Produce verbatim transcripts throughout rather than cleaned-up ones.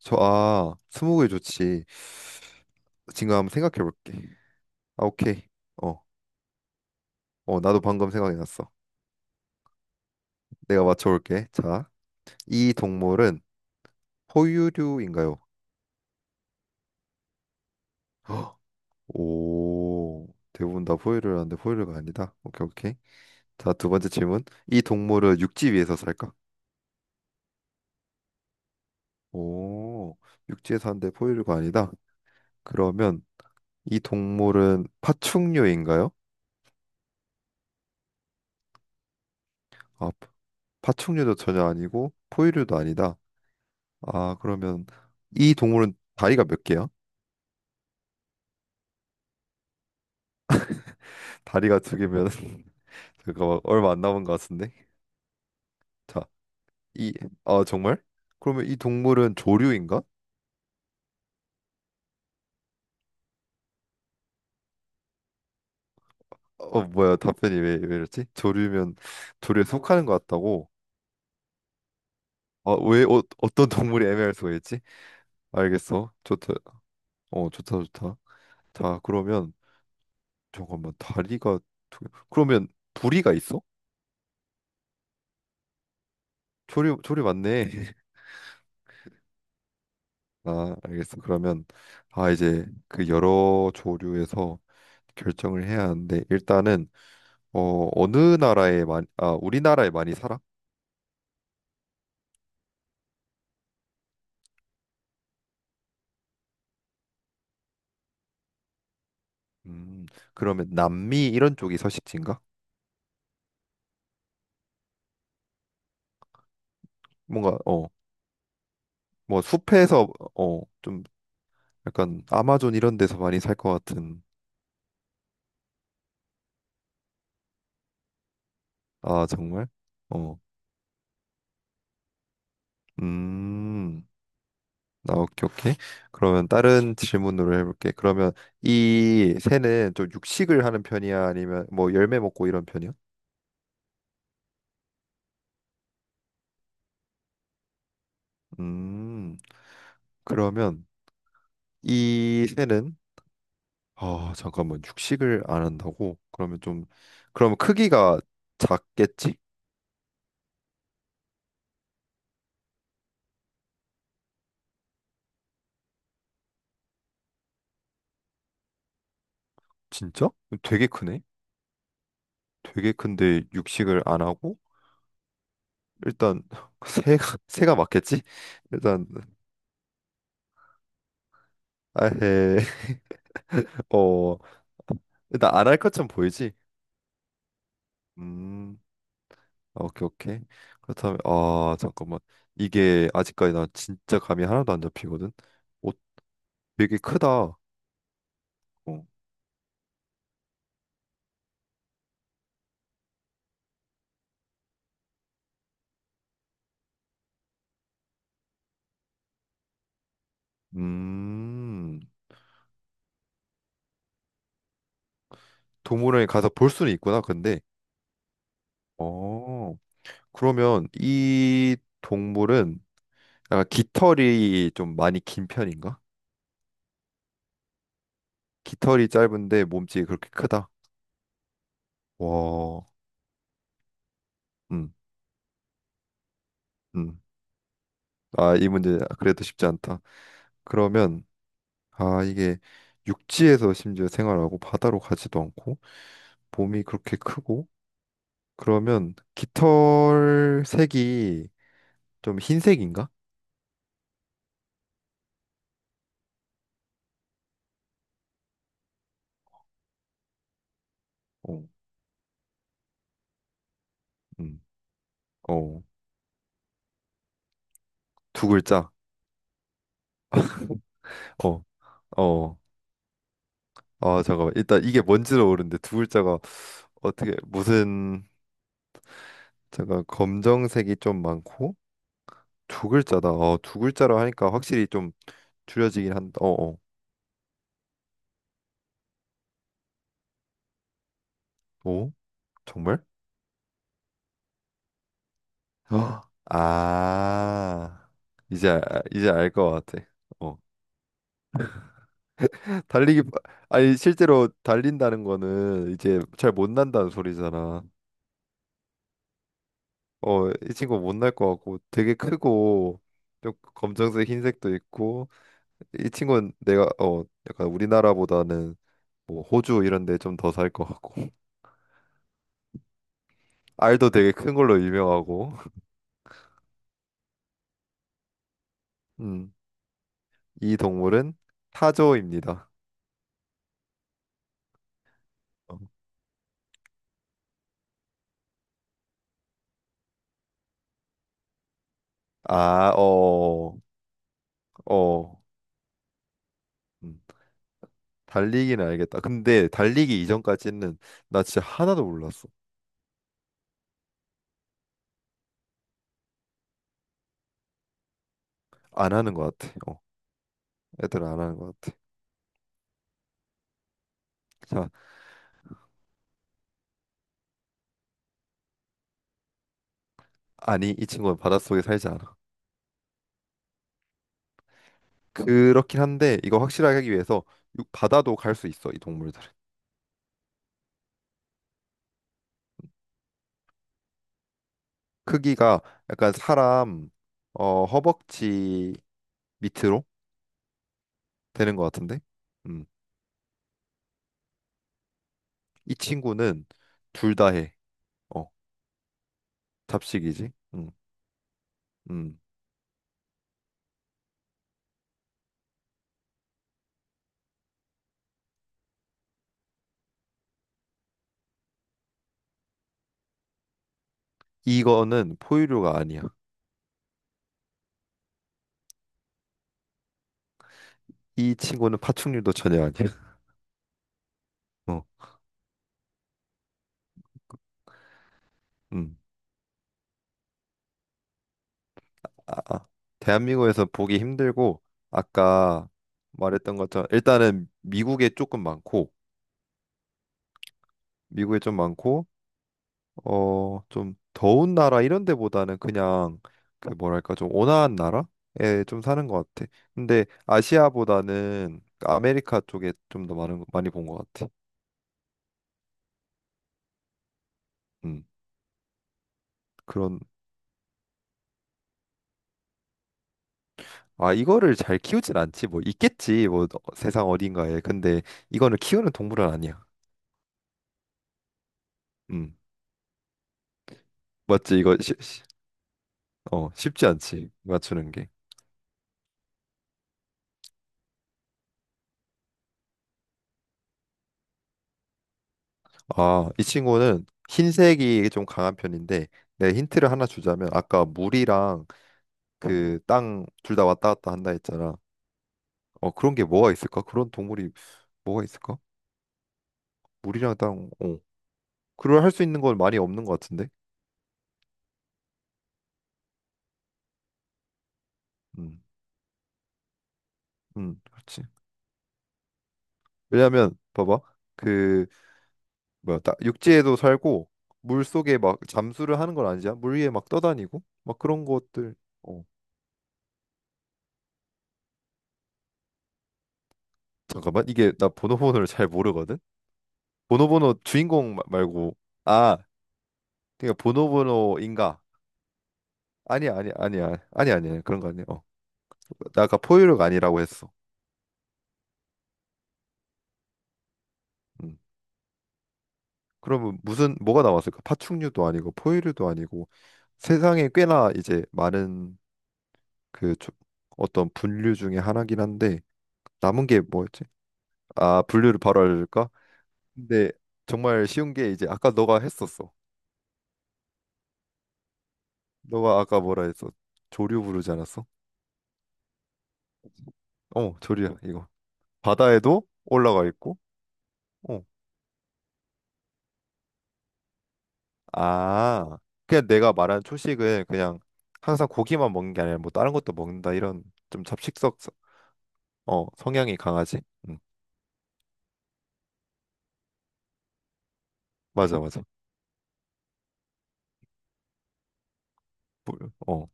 저, 아, 스무고개 좋지. 지금 한번 생각해 볼게. 아, 오케이. 어, 어, 나도 방금 생각이 났어. 내가 맞춰 볼게. 자, 이 동물은 포유류인가요? 헉, 오, 대부분 다 포유류라는데 포유류가 아니다. 오케이, 오케이. 자, 두 번째 질문. 이 동물은 육지 위에서 살까? 오, 육지에 사는데 포유류가 아니다. 그러면 이 동물은 파충류인가요? 아, 파충류도 전혀 아니고 포유류도 아니다. 아, 그러면 이 동물은 다리가 몇 개야? 다리가 두 개면 잠깐만, 얼마 안 남은 것 같은데. 자, 이, 아, 정말? 그러면 이 동물은 조류인가? 어, 뭐야, 답변이 왜, 왜 이랬지? 조류면 조류에 속하는 것 같다고. 아, 왜, 어, 어떤 동물이 애매할 수가 있지? 알겠어. 좋다. 어, 좋다, 좋다. 자, 그러면 잠깐만 다리가 두 개. 그러면 부리가 있어? 조류, 조류 맞네. 아, 알겠어. 그러면, 아 이제 그 여러 조류에서 결정을 해야 하는데, 일단은 어 어느 나라에 많이, 아 우리나라에 많이 살아? 음 그러면 남미 이런 쪽이 서식지인가? 뭔가, 어 뭐 숲에서 어 좀 약간 아마존 이런 데서 많이 살 것 같은. 아, 정말? 어 음. 아, 오케이, 오케이. 그러면 다른 질문으로 해볼게. 그러면 이 새는 좀 육식을 하는 편이야? 아니면 뭐 열매 먹고 이런 편이야? 음, 그러면 이 새는, 아, 잠깐만, 육식을 안 한다고? 그러면 좀 그러면 크기가 작겠지? 진짜? 되게 크네. 되게 큰데 육식을 안 하고 일단 새가 새가 맞겠지? 일단 아헤 어 일단 안 할 것처럼 보이지? 음, 오케이, 오케이. 그렇다면, 아, 잠깐만, 이게 아직까지 나 진짜 감이 하나도 안 잡히거든. 오, 되게 크다. 어, 음, 동물원에 가서 볼 수는 있구나, 근데. 어, 그러면 이 동물은 약간 깃털이 좀 많이 긴 편인가? 깃털이 짧은데 몸집이 그렇게 크다. 와. 음, 음. 아, 이 문제 그래도 쉽지 않다. 그러면, 아, 이게 육지에서 심지어 생활하고 바다로 가지도 않고 몸이 그렇게 크고, 그러면 깃털 색이 좀 흰색인가? 어, 음, 어, 두 글자. 어, 어. 아, 잠깐만. 일단 이게 뭔지를 모르는데 두 글자가 어떻게 무슨, 잠깐, 검정색이 좀 많고 두 글자다. 어, 두 글자로 하니까 확실히 좀 줄여지긴 한다. 어, 어. 오? 정말? 아. 아. 이제 알- 이제 알 것 같아. 어. 달리기 빠- 아니, 실제로 달린다는 거는 이제 잘 못 난다는 소리잖아. 어, 이 친구 못날 것 같고 되게 크고 좀 검정색 흰색도 있고, 이 친구는 내가, 어 약간 우리나라보다는 뭐 호주 이런 데 좀 더 살 것 같고 알도 되게 큰 걸로 유명하고 음, 이 동물은 타조입니다. 어. 아, 어, 어, 음, 달리기는 알겠다. 근데 달리기 이전까지는 나 진짜 하나도 몰랐어. 안 하는 것 같아. 어, 애들은 안 하는 것 같아. 자, 아니, 이 친구는 바닷속에 살지 않아. 그렇긴 한데 이거 확실하게 하기 위해서, 육- 바다도 갈 수 있어, 이 동물들. 크기가 약간 사람, 어, 허벅지 밑으로 되는 것 같은데. 음. 이 친구는 둘 다 해. 어, 잡식이지. 음. 음. 이거는 포유류가 아니야. 이 친구는 파충류도 전혀 아니야. 어. 음. 아, 아. 대한민국에서 보기 힘들고 아까 말했던 것처럼, 일단은 미국에 조금 많고, 미국에 좀 많고, 어, 좀 더운 나라 이런 데보다는 그냥 그 뭐랄까 좀 온화한 나라에 좀 사는 것 같아. 근데 아시아보다는 아메리카 쪽에 좀 더 많은 많이 본 것 같아. 음, 그런. 아, 이거를 잘 키우진 않지, 뭐 있겠지 뭐, 어, 세상 어딘가에. 근데 이거는 키우는 동물은 아니야. 음, 맞지, 이거. 쉬, 쉬- 어 쉽지 않지, 맞추는 게. 아, 이 친구는 흰색이 좀 강한 편인데, 내 힌트를 하나 주자면, 아까 물이랑 그 땅 둘 다 왔다 갔다 한다 했잖아. 어 그런 게 뭐가 있을까? 그런 동물이 뭐가 있을까? 물이랑 땅, 어 그걸 할 수 있는 건 많이 없는 것 같은데. 음, 음, 그렇지. 왜냐하면 봐봐, 그 뭐야, 따- 육지에도 살고 물 속에 막 잠수를 하는 건 아니잖아. 물 위에 막 떠다니고 막 그런 것들. 어 잠깐만, 이게 나 보노보노를 잘 모르거든. 보노보노 주인공 마- 말고, 아, 그러니까 보노보노인가? 아니야, 아니야, 아니야, 아니야, 아니야, 그런 거 아니야. 어. 나 아까 포유류가 아니라고 했어. 음. 그러면 무슨 뭐가 나왔을까? 파충류도 아니고 포유류도 아니고, 세상에 꽤나 이제 많은 그 조- 어떤 분류 중에 하나긴 한데. 남은 게 뭐였지? 아, 분류를 바로 알려줄까? 근데 정말 쉬운 게 이제 아까 너가 했었어. 너가 아까 뭐라 했어? 조류 부르지 않았어? 어, 조류야, 이거. 바다에도 올라가 있고. 어. 아, 그냥 내가 말한 초식은 그냥 항상 고기만 먹는 게 아니라 뭐 다른 것도 먹는다 이런, 좀 잡식성, 어 성향이 강하지. 음. 맞아, 맞아. 뿌리, 어,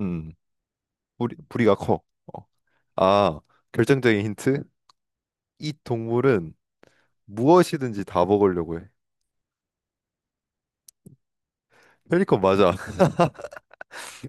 음, 뿌리, 뿌리가 커. 어. 아, 결정적인 힌트? 이 동물은 무엇이든지 다 먹으려고 해. 펠리컨 맞아.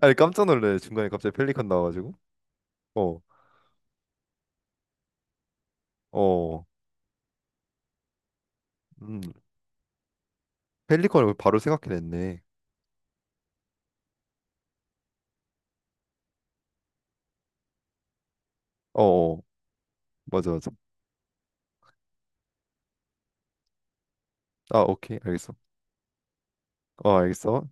아니, 깜짝 놀래. 중간에 갑자기 펠리컨 나와가지고. 어, 어, 음, 펠리컨을 바로 생각해냈네. 어, 어, 맞아, 맞아. 아, 오케이, 알겠어. 어, 알겠어.